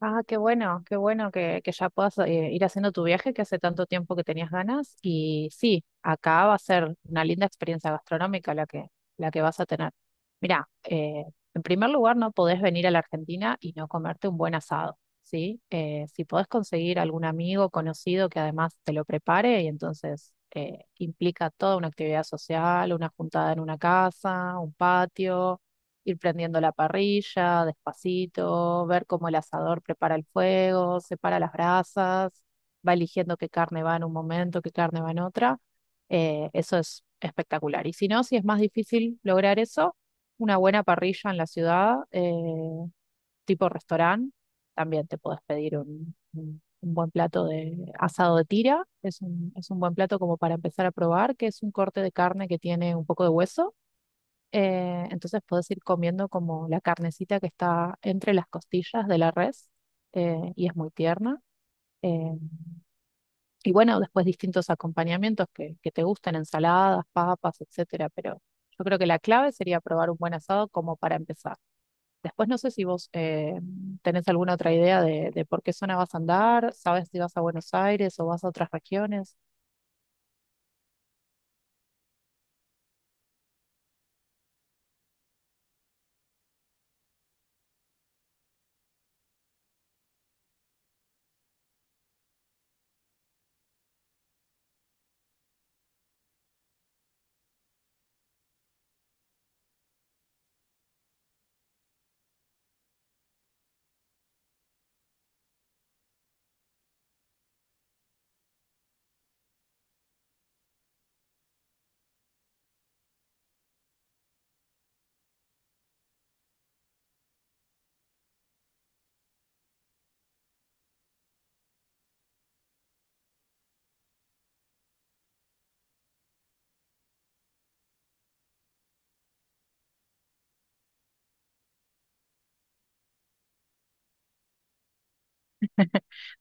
Ah, qué bueno que ya puedas ir haciendo tu viaje que hace tanto tiempo que tenías ganas. Y sí, acá va a ser una linda experiencia gastronómica la que vas a tener. Mirá, en primer lugar, no podés venir a la Argentina y no comerte un buen asado, ¿sí? Si podés conseguir algún amigo conocido que además te lo prepare y entonces implica toda una actividad social, una juntada en una casa, un patio, ir prendiendo la parrilla despacito, ver cómo el asador prepara el fuego, separa las brasas, va eligiendo qué carne va en un momento, qué carne va en otra. Eso es espectacular. Y si no, si es más difícil lograr eso, una buena parrilla en la ciudad, tipo restaurante, también te puedes pedir un buen plato de asado de tira. Es un buen plato como para empezar a probar, que es un corte de carne que tiene un poco de hueso, entonces puedes ir comiendo como la carnecita que está entre las costillas de la res, y es muy tierna. Eh, y bueno, después distintos acompañamientos que te gusten, ensaladas, papas, etcétera. Pero yo creo que la clave sería probar un buen asado como para empezar. Después no sé si vos tenés alguna otra idea de por qué zona vas a andar, sabes si vas a Buenos Aires o vas a otras regiones.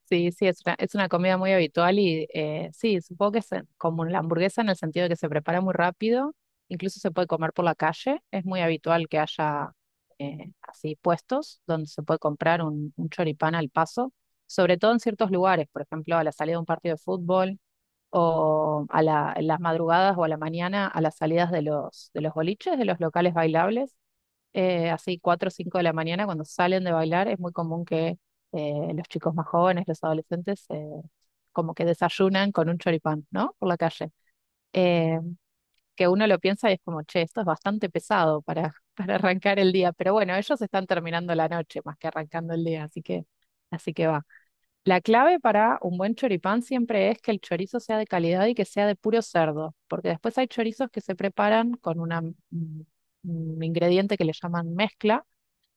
Sí, sí, es una comida muy habitual y sí, supongo que es como la hamburguesa, en el sentido de que se prepara muy rápido, incluso se puede comer por la calle, es muy habitual que haya así puestos donde se puede comprar un choripán al paso, sobre todo en ciertos lugares, por ejemplo, a la salida de un partido de fútbol o a la- en las madrugadas o a la mañana a las salidas de los boliches, de los locales bailables, así 4 o 5 de la mañana, cuando salen de bailar, es muy común que los chicos más jóvenes, los adolescentes, como que desayunan con un choripán, ¿no? Por la calle. Eh, que uno lo piensa y es como, che, esto es bastante pesado para arrancar el día, pero bueno, ellos están terminando la noche más que arrancando el día, así así que va. La clave para un buen choripán siempre es que el chorizo sea de calidad y que sea de puro cerdo, porque después hay chorizos que se preparan con un ingrediente que le llaman mezcla,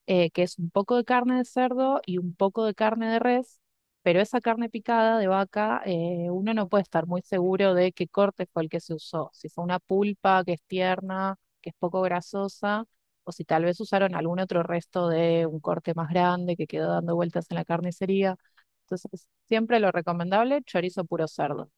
que es un poco de carne de cerdo y un poco de carne de res, pero esa carne picada de vaca, uno no puede estar muy seguro de qué corte fue el que se usó, si fue una pulpa que es tierna, que es poco grasosa, o si tal vez usaron algún otro resto de un corte más grande que quedó dando vueltas en la carnicería. Entonces, siempre lo recomendable, chorizo puro cerdo.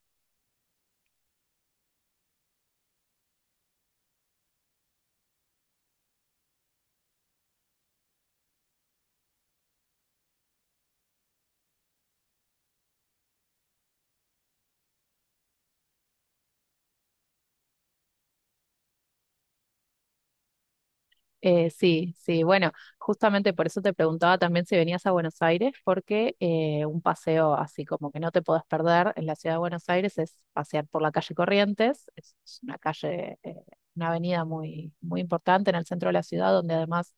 Sí, sí, bueno, justamente por eso te preguntaba también si venías a Buenos Aires, porque un paseo así como que no te podés perder en la ciudad de Buenos Aires es pasear por la calle Corrientes, es una calle, una avenida muy, muy importante en el centro de la ciudad, donde además,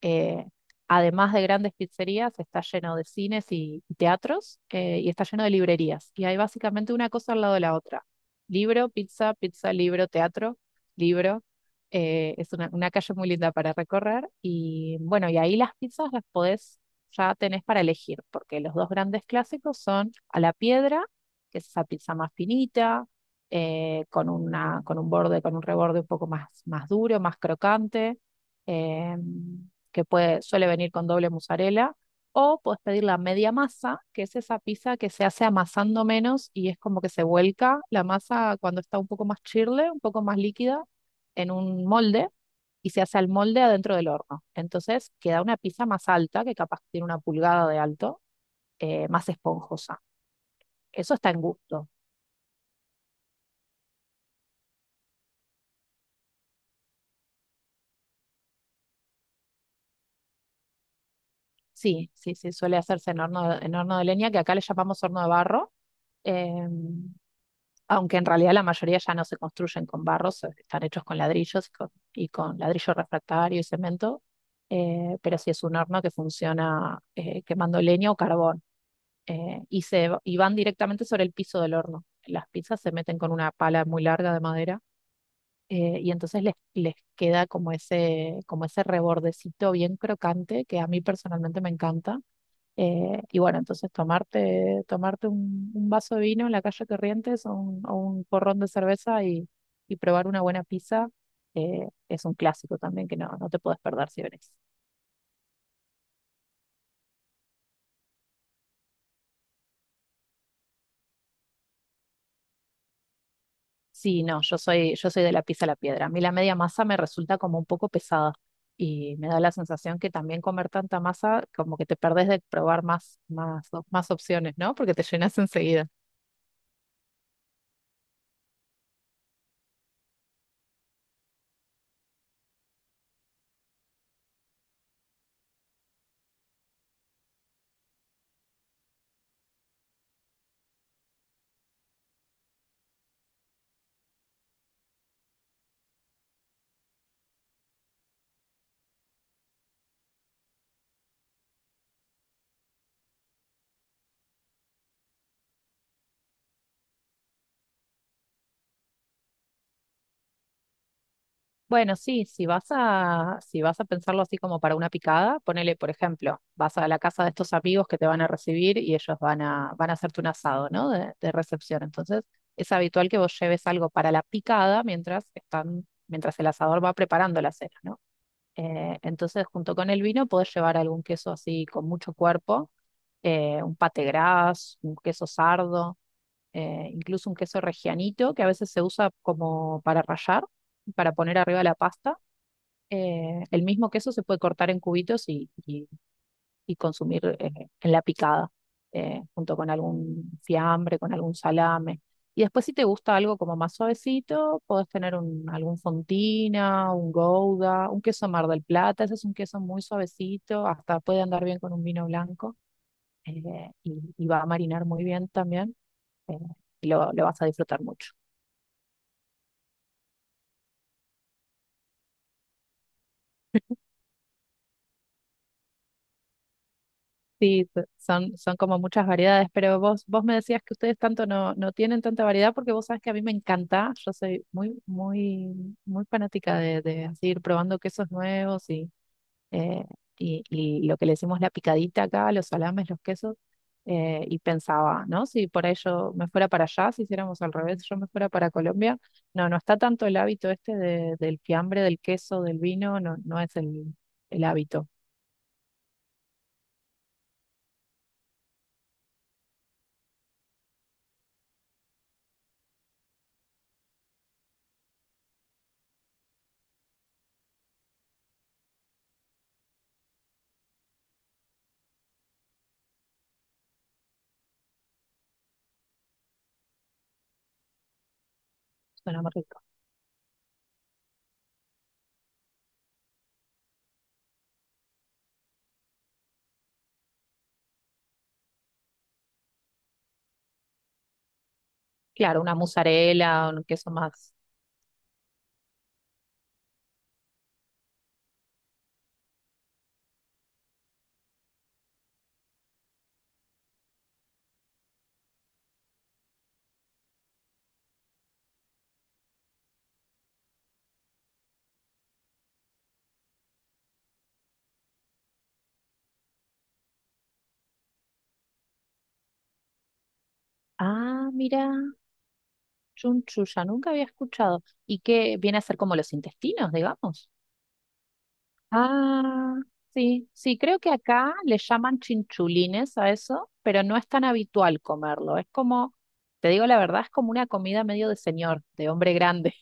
eh, además de grandes pizzerías, está lleno de cines y teatros, y está lleno de librerías, y hay básicamente una cosa al lado de la otra: libro, pizza, pizza, libro, teatro, libro. Es una calle muy linda para recorrer y bueno, y ahí las pizzas ya tenés para elegir, porque los dos grandes clásicos son a la piedra, que es esa pizza más finita, con una, con un borde, con un reborde un poco más, más duro, más crocante, eh, que puede, suele venir con doble mozzarella, o podés pedir la media masa, que es esa pizza que se hace amasando menos y es como que se vuelca la masa cuando está un poco más chirle, un poco más líquida en un molde y se hace al molde adentro del horno. Entonces queda una pizza más alta, que capaz tiene una pulgada de alto, más esponjosa. Eso está en gusto. Sí, sí, sí, suele hacerse en horno en horno de leña, que acá le llamamos horno de barro, eh, aunque en realidad la mayoría ya no se construyen con barro, se- están hechos con ladrillos y con ladrillo refractario y cemento, pero sí es un horno que funciona quemando leña o carbón. Y van directamente sobre el piso del horno. Las pizzas se meten con una pala muy larga de madera, y entonces les queda como ese rebordecito bien crocante que a mí personalmente me encanta. Y bueno, entonces tomarte un vaso de vino en la calle Corrientes o un porrón de cerveza y probar una buena pizza, es un clásico también que no, no te puedes perder si venís. Sí, no, yo soy de la pizza a la piedra. A mí la media masa me resulta como un poco pesada y me da la sensación que también comer tanta masa, como que te perdés de probar más, más opciones, ¿no? Porque te llenas enseguida. Bueno, sí, si vas a pensarlo así como para una picada, ponele, por ejemplo, vas a la casa de estos amigos que te van a recibir y ellos van a hacerte un asado, ¿no? De recepción. Entonces, es habitual que vos lleves algo para la picada mientras están, mientras el asador va preparando la cena, ¿no? Entonces, junto con el vino, podés llevar algún queso así con mucho cuerpo, un pate gras, un queso sardo, incluso un queso regianito que a veces se usa como para rallar, para poner arriba la pasta. El mismo queso se puede cortar en cubitos y, y consumir en la picada, junto con algún fiambre, con algún salame. Y después si te gusta algo como más suavecito, podés tener algún fontina, un gouda, un queso Mar del Plata, ese es un queso muy suavecito, hasta puede andar bien con un vino blanco, y va a marinar muy bien también, eh, lo vas a disfrutar mucho. Sí, son como muchas variedades, pero vos me decías que ustedes tanto no, no tienen tanta variedad porque vos sabes que a mí me encanta, yo soy muy, muy, muy fanática de así ir probando quesos nuevos y, eh, y lo que le decimos la picadita acá, los salames, los quesos, y pensaba, ¿no? Si por ahí yo me fuera para allá, si hiciéramos al revés, yo me fuera para Colombia, no, no está tanto el hábito este de- del fiambre, del queso, del vino, no, no es el hábito, suena más rico. Claro, una mozzarella, un queso más. Ah, mira, chunchulla, nunca había escuchado. ¿Y qué viene a ser como los intestinos, digamos? Ah, sí, sí, creo que acá le llaman chinchulines a eso, pero no es tan habitual comerlo. Es como, te digo la verdad, es como una comida medio de señor, de hombre grande.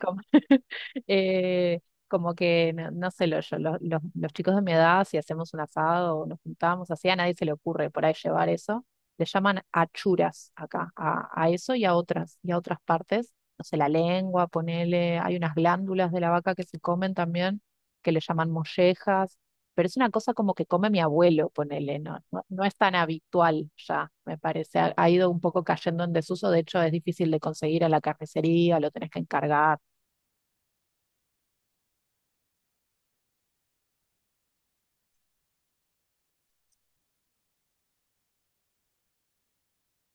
Como, eh, como que, no, no sé, lo- yo, lo- los chicos de mi edad, si hacemos un asado o nos juntamos así, a nadie se le ocurre por ahí llevar eso. Le llaman achuras acá, a eso y a otras partes. No sé, la lengua, ponele, hay unas glándulas de la vaca que se comen también, que le llaman mollejas, pero es una cosa como que come mi abuelo, ponele, no, no, no es tan habitual ya, me parece. Ha ido un poco cayendo en desuso, de hecho es difícil de conseguir a la carnicería, lo tenés que encargar.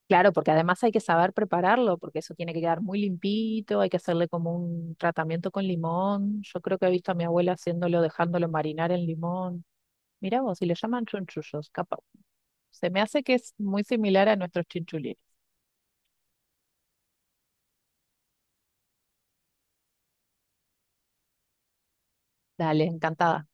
Claro, porque además hay que saber prepararlo, porque eso tiene que quedar muy limpito, hay que hacerle como un tratamiento con limón. Yo creo que he visto a mi abuela haciéndolo, dejándolo marinar en limón. Mirá vos, si le llaman chunchullos, capaz. Se me hace que es muy similar a nuestros chinchulines. Dale, encantada.